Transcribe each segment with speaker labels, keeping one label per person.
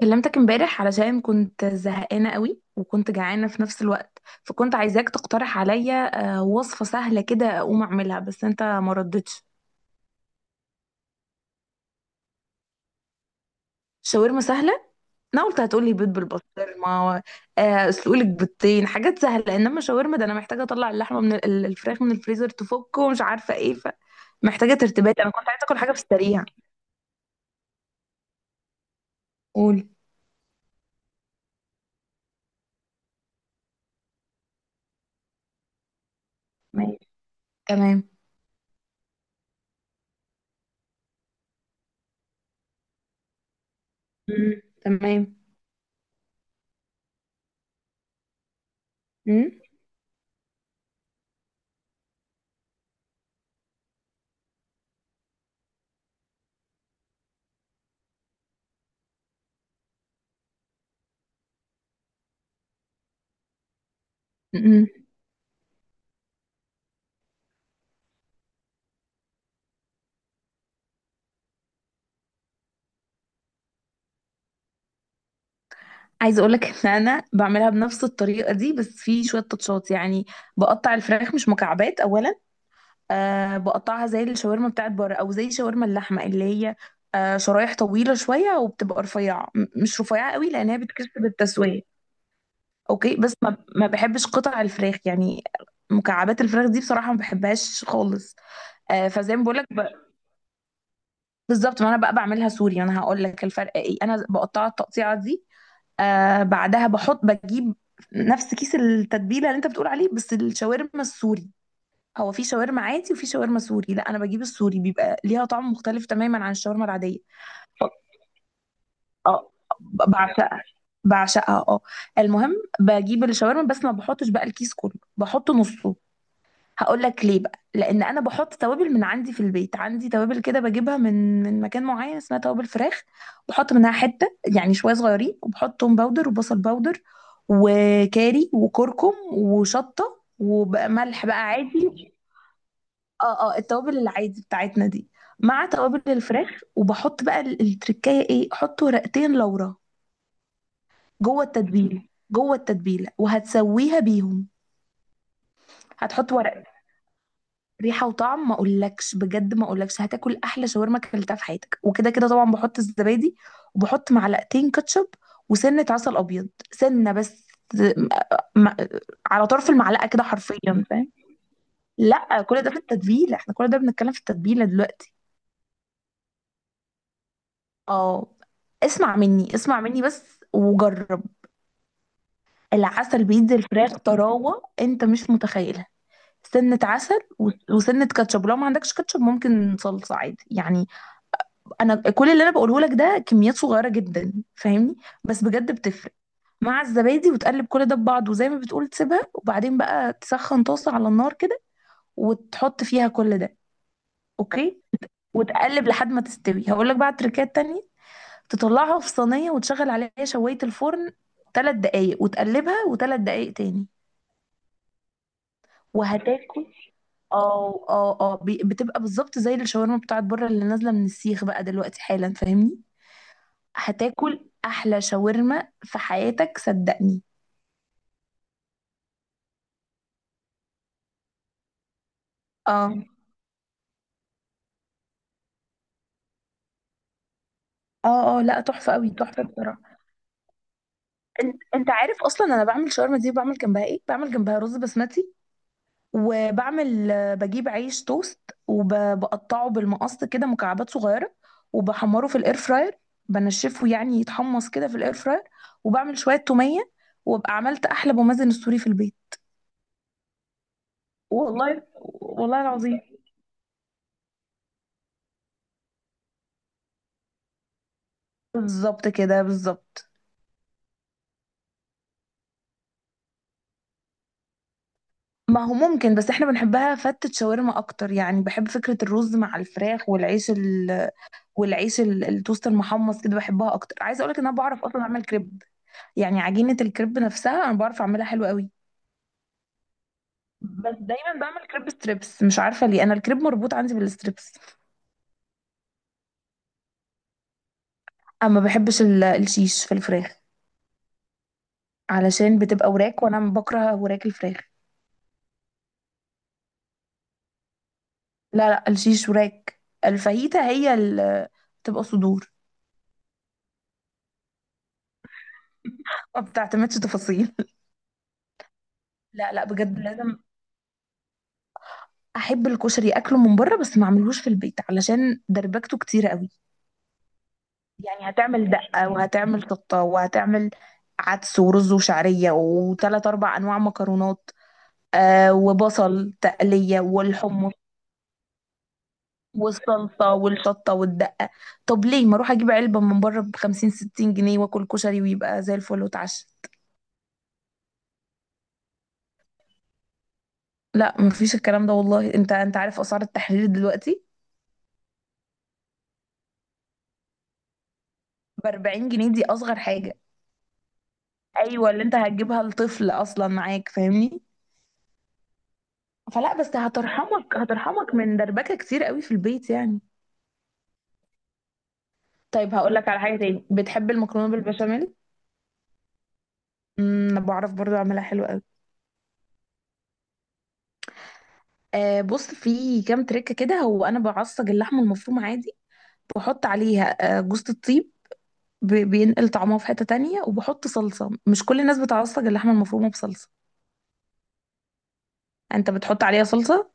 Speaker 1: كلمتك امبارح علشان كنت زهقانة قوي وكنت جعانة في نفس الوقت. فكنت عايزاك تقترح عليا وصفة سهلة كده اقوم اعملها، بس انت ما ردتش. شاورما سهلة. انا قلت هتقولي بيض بالبسطرمة. اسلقلك بيضتين حاجات سهلة، انما شاورما ده انا محتاجة اطلع اللحمة من الفراخ من الفريزر تفك ومش عارفة ايه. فمحتاجة ترتيبات، انا كنت عايزة اكل حاجة في السريع. قول. ماشي. تمام. مم. تمام. مم. مم. عايزه اقول لك ان انا بعملها بنفس الطريقه دي، بس في شويه تاتشات يعني. بقطع الفراخ مش مكعبات اولا. بقطعها زي الشاورما بتاعت بره او زي شاورما اللحمه اللي هي شرايح طويله شويه وبتبقى رفيعه، مش رفيعه قوي لانها بتكسب التسويه. اوكي، بس ما بحبش قطع الفراخ يعني. مكعبات الفراخ دي بصراحه ما بحبهاش خالص. فزي ما بقول لك بالظبط. ما انا بقى بعملها سوري، انا هقول لك الفرق ايه. انا بقطعها التقطيعه دي، بعدها بجيب نفس كيس التتبيله اللي انت بتقول عليه، بس الشاورما السوري. هو في شاورما عادي وفي شاورما سوري، لا انا بجيب السوري، بيبقى ليها طعم مختلف تماما عن الشاورما العاديه. اه بعشقها. بعشقها اه. المهم، بجيب الشاورما بس ما بحطش بقى الكيس كله، بحط نصه. هقول لك ليه بقى، لان انا بحط توابل من عندي في البيت. عندي توابل كده بجيبها من مكان معين، اسمها توابل فراخ. بحط منها حته يعني شويه صغيرين، وبحط توم باودر وبصل باودر وكاري وكركم وشطه وملح بقى عادي. اه اه، التوابل العادي بتاعتنا دي، مع توابل الفراخ. وبحط بقى التركايه ايه، احط ورقتين لورا. جوه التتبيله. جوه التتبيله وهتسويها بيهم. هتحط ورق. ريحه وطعم ما اقولكش، بجد ما اقولكش هتاكل احلى شاورما اكلتها في حياتك. وكده كده طبعا بحط الزبادي، وبحط معلقتين كاتشب، وسنه عسل ابيض، سنه بس م- م- على طرف المعلقه كده حرفيا، فاهم. لا كل ده في التتبيله، احنا كل ده بنتكلم في التتبيله دلوقتي. اه. اسمع مني اسمع مني بس وجرب. العسل بيدي الفراخ طراوه انت مش متخيلها. سنة عسل وسنة كاتشب، لو ما عندكش كاتشب ممكن صلصة عادي يعني. انا كل اللي انا بقوله لك ده كميات صغيره جدا، فاهمني. بس بجد بتفرق. مع الزبادي وتقلب كل ده ببعض، وزي ما بتقول تسيبها. وبعدين بقى تسخن طاسه على النار كده، وتحط فيها كل ده. اوكي. وتقلب لحد ما تستوي. هقول لك بقى تريكات تانية. تطلعها في صينيه وتشغل عليها شوايه الفرن 3 دقايق، وتقلبها وثلاث دقايق تاني. وهتاكل. اه اه اه، بتبقى بالظبط زي الشاورما بتاعت بره اللي نازله من السيخ بقى دلوقتي حالا، فاهمني. هتاكل احلى شاورما في حياتك، صدقني. اه اه اه، لا تحفه قوي، تحفه بصراحه. انت عارف اصلا انا بعمل شاورما دي بعمل جنبها ايه، بعمل جنبها رز بسمتي. وبعمل بجيب عيش توست، وبقطعه بالمقص كده مكعبات صغيره، وبحمره في الاير فراير. بنشفه يعني، يتحمص كده في الاير فراير. وبعمل شويه توميه. وابقى عملت احلى بومازن السوري في البيت. والله والله العظيم. بالظبط كده بالظبط. ما هو ممكن، بس احنا بنحبها فتة شاورما اكتر يعني. بحب فكرة الرز مع الفراخ والعيش والعيش التوست المحمص كده، بحبها اكتر. عايزة اقولك ان انا بعرف اصلا اعمل كريب. يعني عجينة الكريب نفسها انا بعرف اعملها حلو قوي. بس دايما بعمل كريب ستريبس، مش عارفة ليه، انا الكريب مربوط عندي بالستريبس. اما بحبش الشيش في الفراخ علشان بتبقى وراك، وانا بكره وراك الفراخ. لا لا، الشيش وراك، الفاهيتا هي بتبقى صدور. ما بتعتمدش تفاصيل لا لا بجد، لازم احب الكشري. اكله من بره بس ما اعملهوش في البيت علشان دربكته كتيره قوي. يعني هتعمل دقه وهتعمل شطه وهتعمل عدس ورز وشعريه وثلاث اربع انواع مكرونات، وبصل تقليه والحمص والصلصه والشطه والدقه. طب ليه ما اروح اجيب علبه من بره ب 50 60 جنيه واكل كشري ويبقى زي الفل واتعشى. لا مفيش الكلام ده والله، انت انت عارف اسعار التحرير دلوقتي ب 40 جنيه، دي اصغر حاجه. ايوه اللي انت هتجيبها لطفل اصلا معاك، فاهمني. فلا، بس هترحمك، هترحمك من دربكة كتير قوي في البيت يعني. طيب هقول لك على حاجة تاني، بتحب المكرونة بالبشاميل. امم، أنا بعرف برضو اعملها حلو قوي. بص في كام تريكة كده. هو انا بعصج اللحمة المفرومة عادي، بحط عليها جوزة الطيب، بينقل طعمها في حتة تانية. وبحط صلصة. مش كل الناس بتعصج اللحمة المفرومة بصلصة. انت بتحط عليها صلصة؟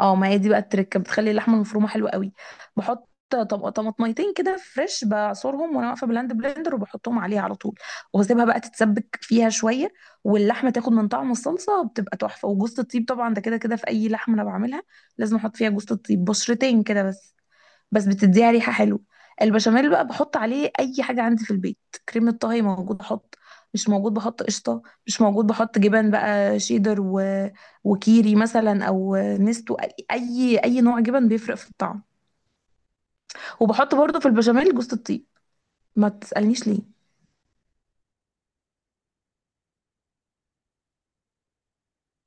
Speaker 1: اه، ما هي دي بقى التركه، بتخلي اللحمه المفرومه حلوه قوي. بحط طب طماطميتين كده فريش، بعصرهم وانا واقفه بلاند بلندر، وبحطهم عليها على طول. واسيبها بقى تتسبك فيها شويه، واللحمه تاخد من طعم الصلصه، بتبقى تحفه. وجوز الطيب طبعا ده كده كده في اي لحمه انا بعملها لازم احط فيها جوز الطيب، بشرتين كده بس، بس بتديها ريحة حلوة. البشاميل بقى بحط عليه أي حاجة عندي في البيت. كريمة طهي موجود بحط، مش موجود بحط قشطة، مش موجود بحط جبن بقى شيدر و... وكيري مثلا أو نستو. أي نوع جبن بيفرق في الطعم. وبحط برضو في البشاميل جوز الطيب، ما تسألنيش ليه.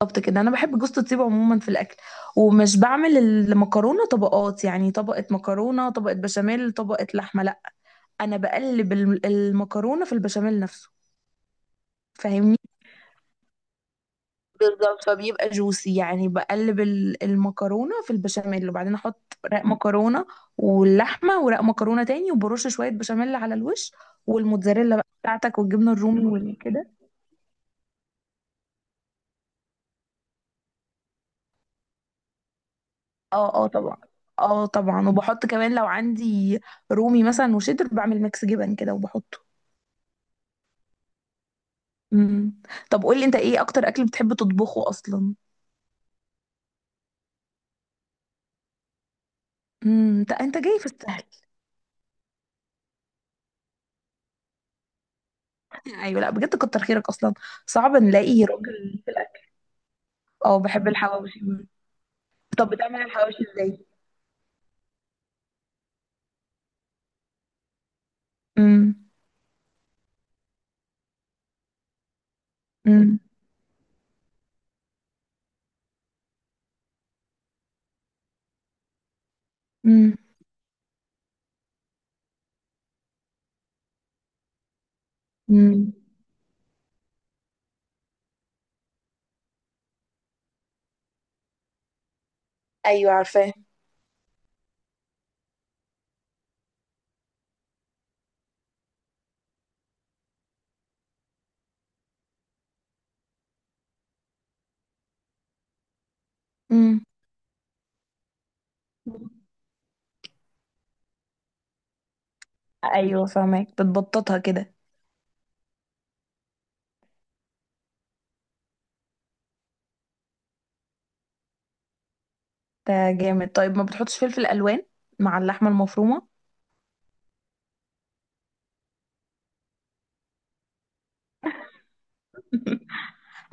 Speaker 1: بالظبط كده، أنا بحب جوز الطيب عموما في الأكل. ومش بعمل المكرونة طبقات يعني، طبقة مكرونة طبقة بشاميل طبقة لحمة، لا. أنا بقلب المكرونة في البشاميل نفسه، فاهمني. بالظبط، فبيبقى جوسي يعني. بقلب المكرونه في البشاميل، وبعدين احط رق مكرونه واللحمه ورق مكرونه تاني، وبرش شويه بشاميل على الوش، والموتزاريلا بقى بتاعتك والجبنه الرومي والكده. اه اه طبعا. اه طبعا، وبحط كمان لو عندي رومي مثلا وشيدر بعمل ميكس جبن كده وبحطه. امم. طب قولي انت ايه اكتر اكل بتحب تطبخه اصلا. امم، انت جاي في السهل. ايوه لا بجد كتر خيرك اصلا. صعب نلاقي راجل في الاكل. اه بحب الحواوشي. طب بتعمل الحواوشي ازاي. امم. امم. امم. امم. ايوه عارفاه. امم. ايوه فاهمك، بتبططها كده. ده جامد، طيب ما بتحطش فلفل الوان مع اللحمه المفرومه.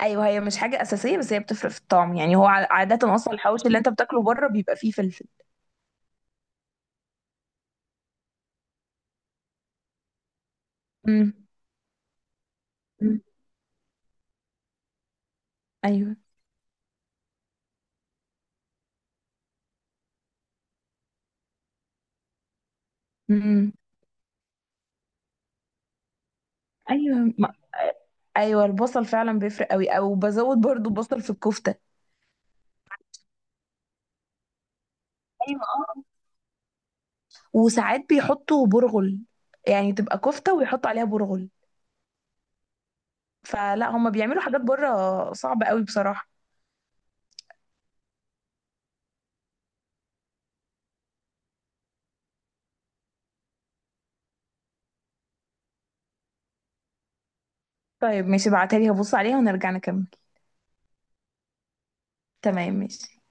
Speaker 1: ايوه هي مش حاجه اساسيه، بس هي بتفرق في الطعم يعني. هو عاده اصلا الحواوشي اللي انت بتاكله بره بيبقى فيه فلفل. امم. أمم. ايوه. امم. ايوه ما... ايوه البصل فعلا بيفرق قوي، او بزود برضو بصل في الكفته. ايوه، وساعات بيحطوا برغل، يعني تبقى كفتة ويحطوا عليها برغل. فلا هما بيعملوا حاجات بره صعبة قوي بصراحة. طيب ماشي، ابعتها لي هبص عليها ونرجع نكمل. تمام ماشي.